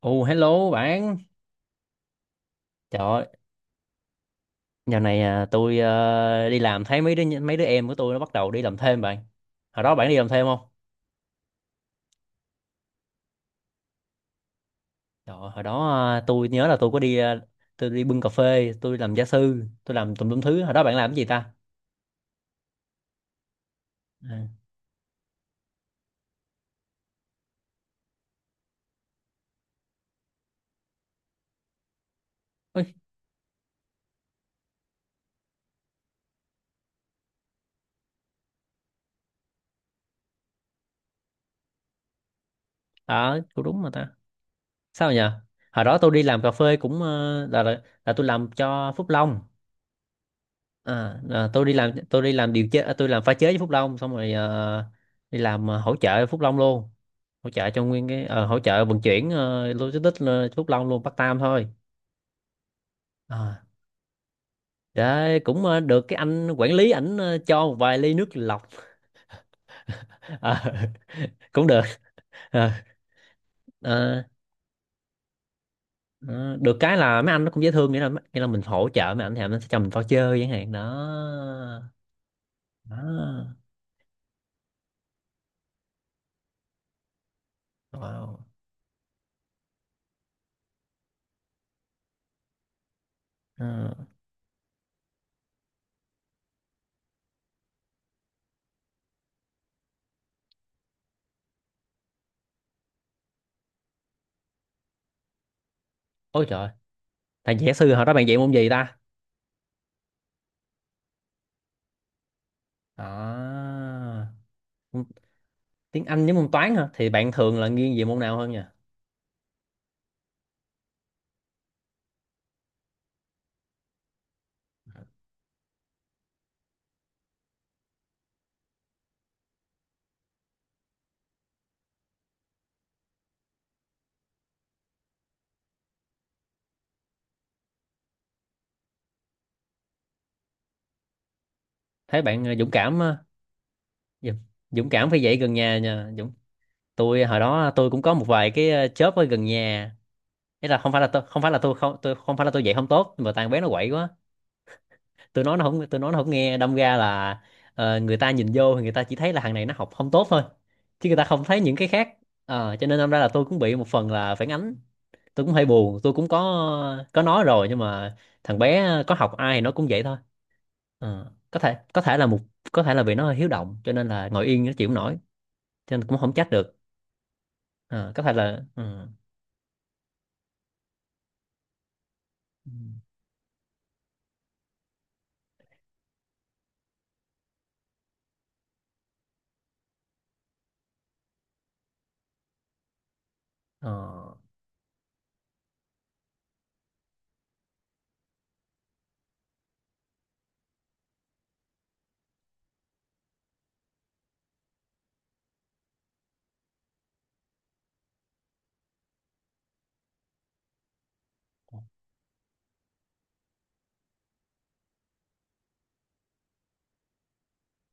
Ồ, hello bạn. Trời ơi, dạo này tôi đi làm thấy mấy đứa em của tôi nó bắt đầu đi làm thêm bạn. Hồi đó bạn đi làm thêm không? Trời ơi, hồi đó tôi nhớ là tôi có đi tôi đi bưng cà phê, tôi làm gia sư, tôi làm tùm lum thứ. Hồi đó bạn làm cái gì ta? À, ôi, à, cũng đúng mà ta. Sao nhỉ? Hồi đó tôi đi làm cà phê cũng ờ, là tôi làm cho Phúc Long. Tôi đi làm tôi làm pha chế với Phúc Long, xong rồi đi làm hỗ trợ Phúc Long luôn, hỗ trợ cho nguyên cái hỗ trợ vận chuyển, logistics, Phúc Long luôn, Bắc Tam thôi. à, Đấy cũng được cái anh quản lý ảnh cho một vài ly nước lọc. Ờ, cũng được. Ờ, ờ, ờ, Được cái là mấy anh nó cũng dễ thương, nghĩa là mình hỗ trợ mấy anh thì nó sẽ cho mình voucher chẳng hạn đó. Đó. Wow. Ờ. Ôi trời, thằng kỹ sư hồi đó bạn dạy môn gì ta? À, tiếng Anh với môn toán hả? Thì bạn thường là nghiêng về môn nào hơn nhỉ? Thấy bạn dũng cảm, dũng, dũng cảm phải dạy gần nhà nha. Dũng. Tôi hồi đó tôi cũng có một vài cái chớp ở gần nhà. Thế là không phải là tôi không phải là tôi không phải là tôi dạy không tốt, nhưng mà thằng bé nó quậy quá, tôi nói nó không nghe, đâm ra là người ta nhìn vô thì người ta chỉ thấy là thằng này nó học không tốt thôi, chứ người ta không thấy những cái khác. Ờ, cho nên đâm ra là tôi cũng bị một phần là phản ánh, tôi cũng hơi buồn, tôi cũng có nói rồi, nhưng mà thằng bé có học ai thì nó cũng vậy thôi. Ờ, có thể là một, có thể là vì nó hơi hiếu động cho nên là ngồi yên nó chịu không nổi, cho nên cũng không trách được. Ờ, có thể là ừ. Ừ. Ờ,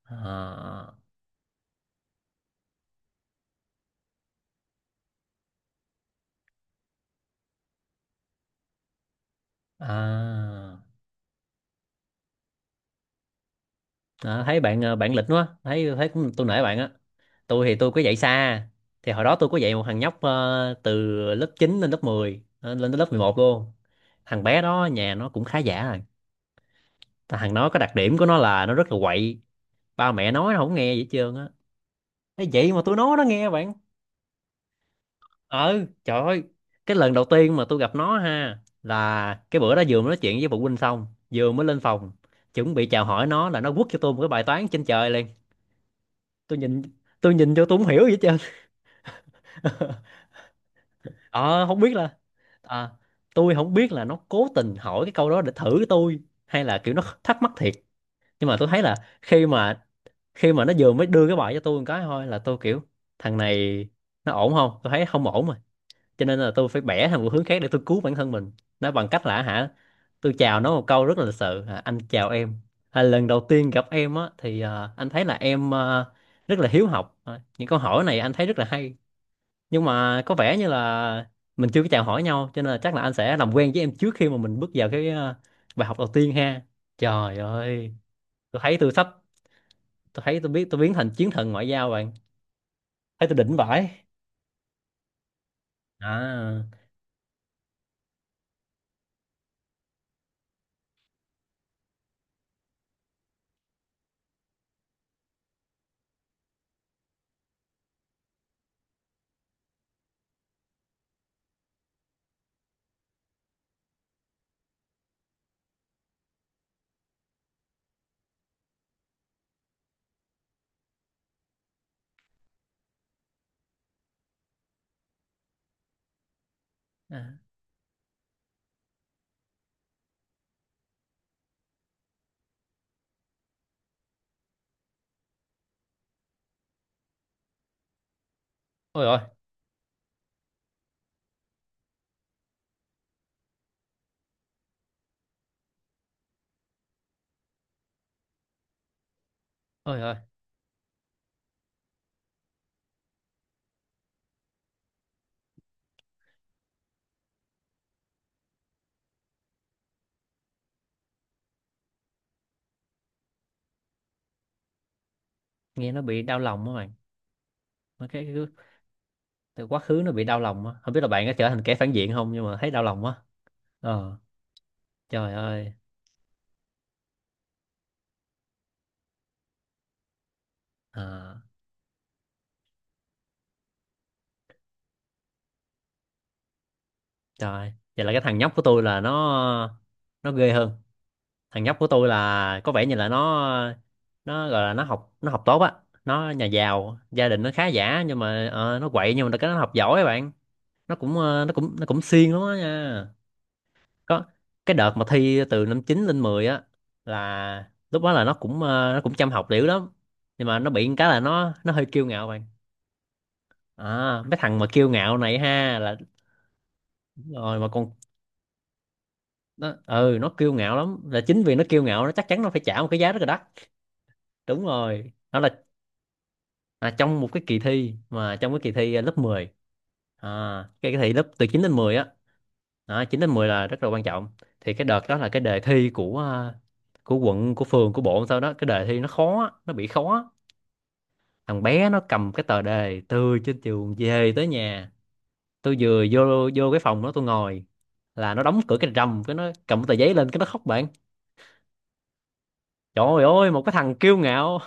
à, à. À, thấy bạn bạn lịch quá, thấy thấy cũng tôi nể bạn á. Tôi thì tôi có dạy xa, thì hồi đó tôi có dạy một thằng nhóc từ lớp 9 lên lớp 10, lên tới lớp 11 luôn. Thằng bé đó nhà nó cũng khá giả rồi, thằng nó có đặc điểm của nó là nó rất là quậy, ba mẹ nói nó không nghe gì hết trơn á. Ê, vậy mà tôi nói nó nghe bạn. Ừ, trời ơi, cái lần đầu tiên mà tôi gặp nó ha, là cái bữa đó vừa mới nói chuyện với phụ huynh xong, vừa mới lên phòng chuẩn bị chào hỏi nó là nó quất cho tôi một cái bài toán trên trời liền. tôi nhìn tôi nhìn vô, tôi không hiểu gì hết trơn. Ờ, không biết là à, tôi không biết là nó cố tình hỏi cái câu đó để thử tôi, hay là kiểu nó thắc mắc thiệt. Nhưng mà tôi thấy là khi mà khi mà nó vừa mới đưa cái bài cho tôi một cái thôi là tôi kiểu, thằng này nó ổn không, tôi thấy không ổn rồi, cho nên là tôi phải bẻ thành một hướng khác để tôi cứu bản thân mình nó bằng cách là hả, tôi chào nó một câu rất là lịch sự, à, anh chào em, à, lần đầu tiên gặp em á thì à, anh thấy là em à, rất là hiếu học, à, những câu hỏi này anh thấy rất là hay, nhưng mà có vẻ như là mình chưa có chào hỏi nhau, cho nên là chắc là anh sẽ làm quen với em trước khi mà mình bước vào cái bài học đầu tiên ha. Trời ơi, tôi thấy tôi sắp tôi thấy tôi biết tôi biến thành chiến thần ngoại giao bạn, thấy tôi đỉnh vãi. À, à. Ôi ôi. Ôi ôi, nghe nó bị đau lòng á bạn. Mấy Cái quá khứ nó bị đau lòng á, không biết là bạn có trở thành kẻ phản diện không, nhưng mà thấy đau lòng quá. Ờ, trời ơi. À, trời, vậy là cái thằng nhóc của tôi là nó ghê hơn. Thằng nhóc của tôi là có vẻ như là nó gọi là nó học tốt á, nó nhà giàu, gia đình nó khá giả, nhưng mà nó quậy, nhưng mà cái nó học giỏi á bạn. Nó cũng nó cũng siêng lắm á nha. Có cái đợt mà thi từ năm 9 lên 10 á, là lúc đó là nó cũng nó cũng chăm học liễu lắm, nhưng mà nó bị một cái là nó hơi kiêu ngạo bạn. À, mấy thằng mà kiêu ngạo này ha là, đúng rồi mà còn, nó ừ nó kiêu ngạo lắm, là chính vì nó kiêu ngạo, nó chắc chắn nó phải trả một cái giá rất là đắt. Đúng rồi, nó là à, trong một cái kỳ thi mà trong cái kỳ thi à, lớp 10, à, cái kỳ thi lớp từ 9 đến 10 á. Đó, 9 đến 10 là rất là quan trọng. Thì cái đợt đó là cái đề thi của của quận, của phường, của bộ, sau đó cái đề thi nó khó á, nó bị khó. Thằng bé nó cầm cái tờ đề từ trên trường về tới nhà, tôi vừa vô vô cái phòng đó tôi ngồi, là nó đóng cửa cái rầm, cái nó cầm cái tờ giấy lên cái nó khóc bạn. Trời ơi, một cái thằng kiêu ngạo,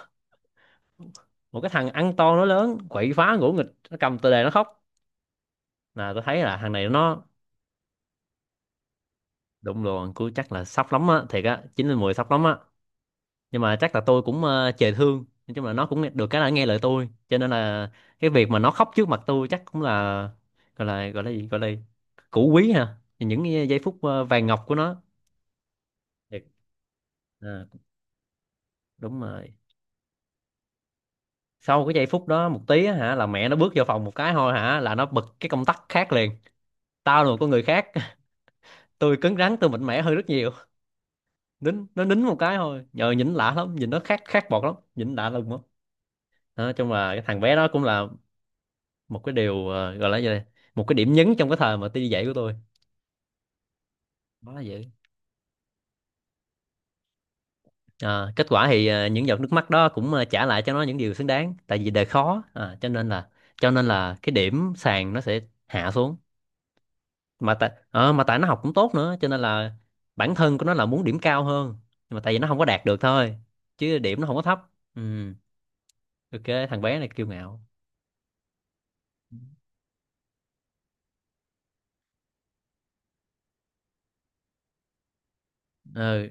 một cái thằng ăn to nó lớn quậy phá ngỗ nghịch, nó cầm tờ đề nó khóc, là tôi thấy là thằng này nó đụng đồ, cứ chắc là sốc lắm á, thiệt á, chín lên mười sốc lắm á. Nhưng mà chắc là tôi cũng chề thương, nói chung là nó cũng được cái là nghe lời tôi, cho nên là cái việc mà nó khóc trước mặt tôi chắc cũng là gọi là cũ quý ha, những cái giây phút vàng ngọc của nó. Thiệt. À, đúng rồi. Sau cái giây phút đó một tí á, hả là mẹ nó bước vào phòng một cái thôi, hả là nó bật cái công tắc khác liền, tao là một con người khác. Tôi cứng rắn, tôi mạnh mẽ hơn rất nhiều. Nó nín một cái thôi, nhờ nhìn lạ lắm, nhìn nó khác, khác bọt lắm, nhìn lạ lùng lắm. Đó, nói chung là cái thằng bé đó cũng là một cái điều, ờ, gọi là gì đây một cái điểm nhấn trong cái thời mà đi dạy của tôi. Đó là vậy. À, kết quả thì những giọt nước mắt đó cũng trả lại cho nó những điều xứng đáng, tại vì đời khó à, cho nên là cái điểm sàn nó sẽ hạ xuống, mà mà tại nó học cũng tốt nữa, cho nên là bản thân của nó là muốn điểm cao hơn, nhưng mà tại vì nó không có đạt được thôi, chứ điểm nó không có thấp. Ừ, ok. Thằng bé này kiêu ngạo. Ừ,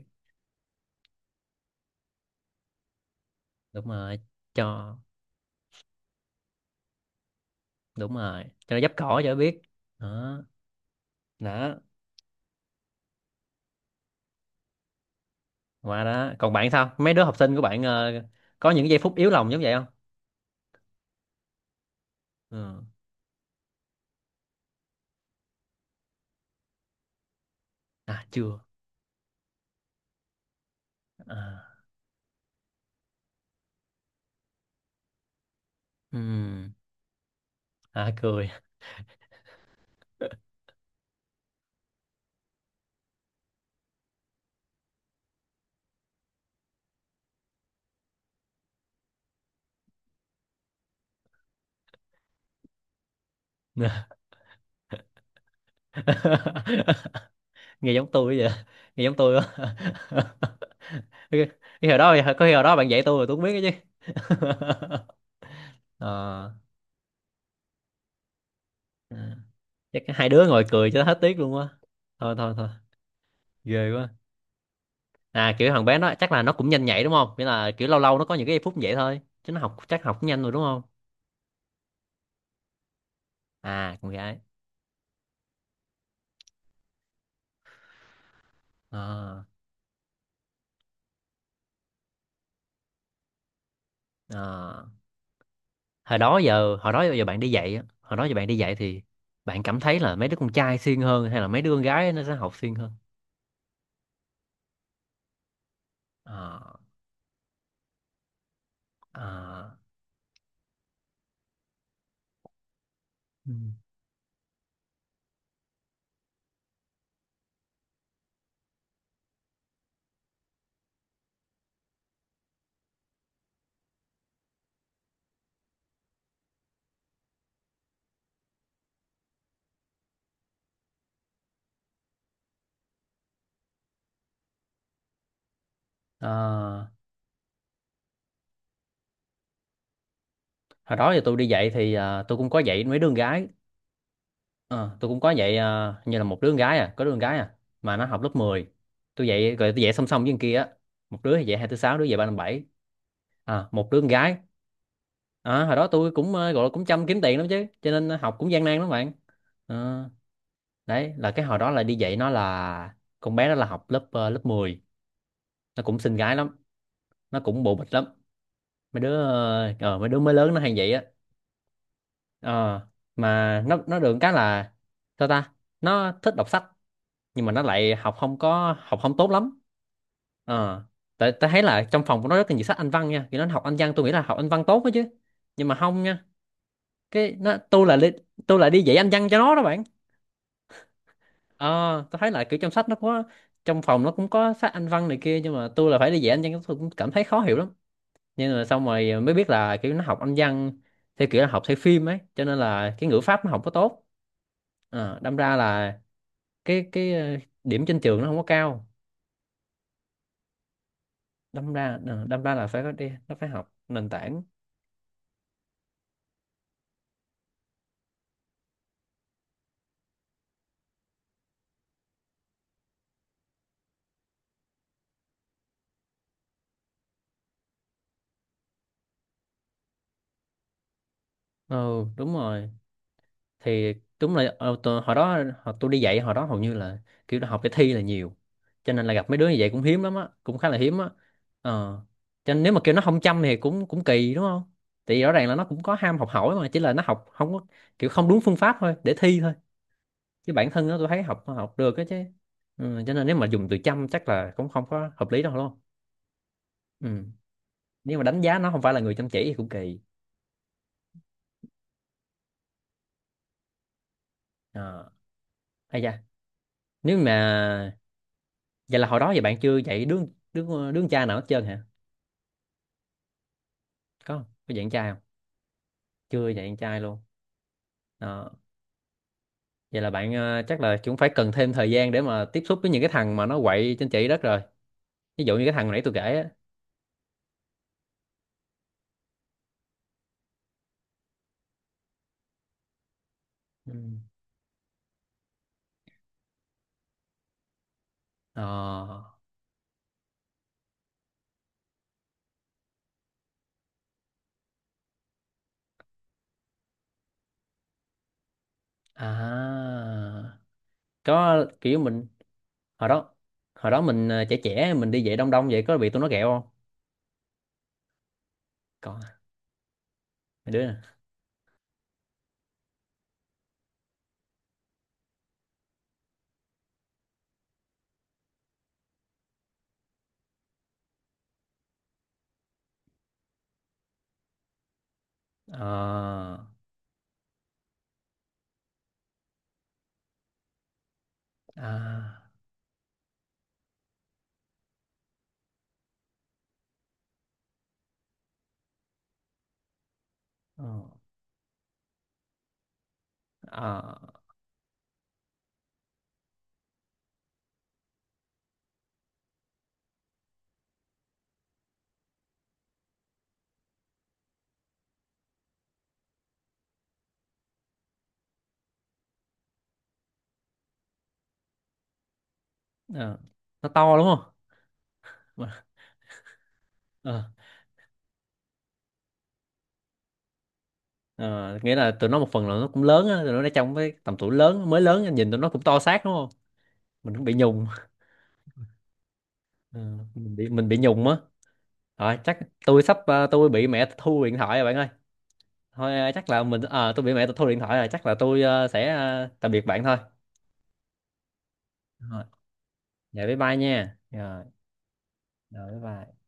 đúng rồi, cho đúng rồi, cho nó dấp cỏ cho nó biết. Đó. Đó, qua đó còn bạn sao, mấy đứa học sinh của bạn có những giây phút yếu lòng giống vậy không? Ừ. À, chưa. À, ừm, à, cười. Nghe giống tôi vậy. Nghe giống tôi quá. Cái hồi đó bạn dạy tôi rồi tôi không biết cái chứ. Ờ, chắc hai đứa ngồi cười cho hết tiếc luôn á. Thôi thôi thôi, ghê quá. À, kiểu thằng bé nó chắc là nó cũng nhanh nhạy đúng không, nghĩa là kiểu lâu lâu nó có những cái phút như vậy thôi chứ nó học chắc học cũng nhanh rồi đúng không? À, con gái. À, à. Hồi đó giờ hồi đó giờ bạn đi dạy á, Hồi đó giờ bạn đi dạy thì bạn cảm thấy là mấy đứa con trai siêng hơn hay là mấy đứa con gái nó sẽ học siêng hơn? À, à, ừ. À, hồi đó giờ tôi đi dạy thì tôi cũng có dạy mấy đứa con gái. Ờ, tôi cũng có dạy như là một đứa con gái, có đứa con gái à, mà nó học lớp 10. Tôi dạy song song với con kia á. Một đứa thì dạy 2 4 6 đứa dạy 3 5 7. Một đứa con gái. Hồi đó tôi cũng ờ, gọi là cũng chăm kiếm tiền lắm chứ, cho nên học cũng gian nan lắm bạn. Ờ, đấy là cái hồi đó là đi dạy, nó là con bé đó, là học lớp mười. Nó cũng xinh gái lắm, nó cũng bộ bịch lắm. Mấy đứa mới lớn nó hay vậy á. Ờ, mà nó được cái là, sao ta? Nó thích đọc sách nhưng mà nó lại học không tốt lắm. ờ tại tại thấy là trong phòng của nó rất là nhiều sách Anh văn nha, thì nó học Anh văn, tôi nghĩ là học Anh văn tốt đó chứ. Nhưng mà không nha. Cái nó tôi là đi, Tôi là đi dạy Anh văn cho nó đó bạn. ờ tôi thấy là kiểu trong phòng nó cũng có sách Anh văn này kia, nhưng mà tôi là phải đi dạy Anh văn, tôi cũng cảm thấy khó hiểu lắm. Nhưng mà xong rồi mới biết là kiểu nó học Anh văn theo kiểu là học theo phim ấy, cho nên là cái ngữ pháp nó không có tốt. Đâm ra là cái cái ờ, điểm trên trường nó không có cao. Đâm ra là phải có đi nó phải học nền tảng. Ừ, đúng rồi. Thì đúng là, tôi đi dạy hồi đó hầu như là kiểu là học để thi là nhiều, cho nên là gặp mấy đứa như vậy cũng hiếm lắm á, cũng khá là hiếm á. ờ cho nên nếu mà kêu nó không chăm thì cũng cũng kỳ đúng không? Thì rõ ràng là nó cũng có ham học hỏi, mà chỉ là nó học không có kiểu không đúng phương pháp thôi, để thi thôi. Chứ bản thân nó tôi thấy học học được á chứ. Ừ, cho nên nếu mà dùng từ chăm chắc là cũng không có hợp lý đâu luôn. Ừ. Nếu mà đánh giá nó không phải là người chăm chỉ thì cũng kỳ. Ờ. Ây da, nếu mà vậy là hồi đó vậy bạn chưa dạy đứa đứa đứa con trai nào hết trơn hả? Có không? Có dạy con trai không? Chưa dạy con trai luôn. Đó. Vậy là bạn, chắc là cũng phải cần thêm thời gian để mà tiếp xúc với những cái thằng mà nó quậy trên chỉ đất rồi, ví dụ như cái thằng nãy tôi kể á. Ừ. ờ à có kiểu mình, hồi đó hồi đó mình trẻ trẻ mình đi dạy đông đông vậy, có bị tụi nó ghẹo không? Có, mấy đứa nè. ờ à ờ ờ ờ. Nó to đúng không? Ờ. Ờ, nghĩa là tụi nó một phần là nó cũng lớn á, tụi nó đã trong cái tầm tuổi lớn, mới lớn, nhìn tụi nó cũng to xác đúng không? Mình cũng bị nhùng. Ờ, mình bị nhùng á. Rồi chắc tôi sắp, tôi bị mẹ thu điện thoại rồi bạn ơi. Thôi ờ, chắc là mình ờ, tôi bị mẹ thu điện thoại rồi, chắc là tôi sẽ tạm biệt bạn thôi. Rồi, dạ bye bye nha. Rồi, rồi bye bye.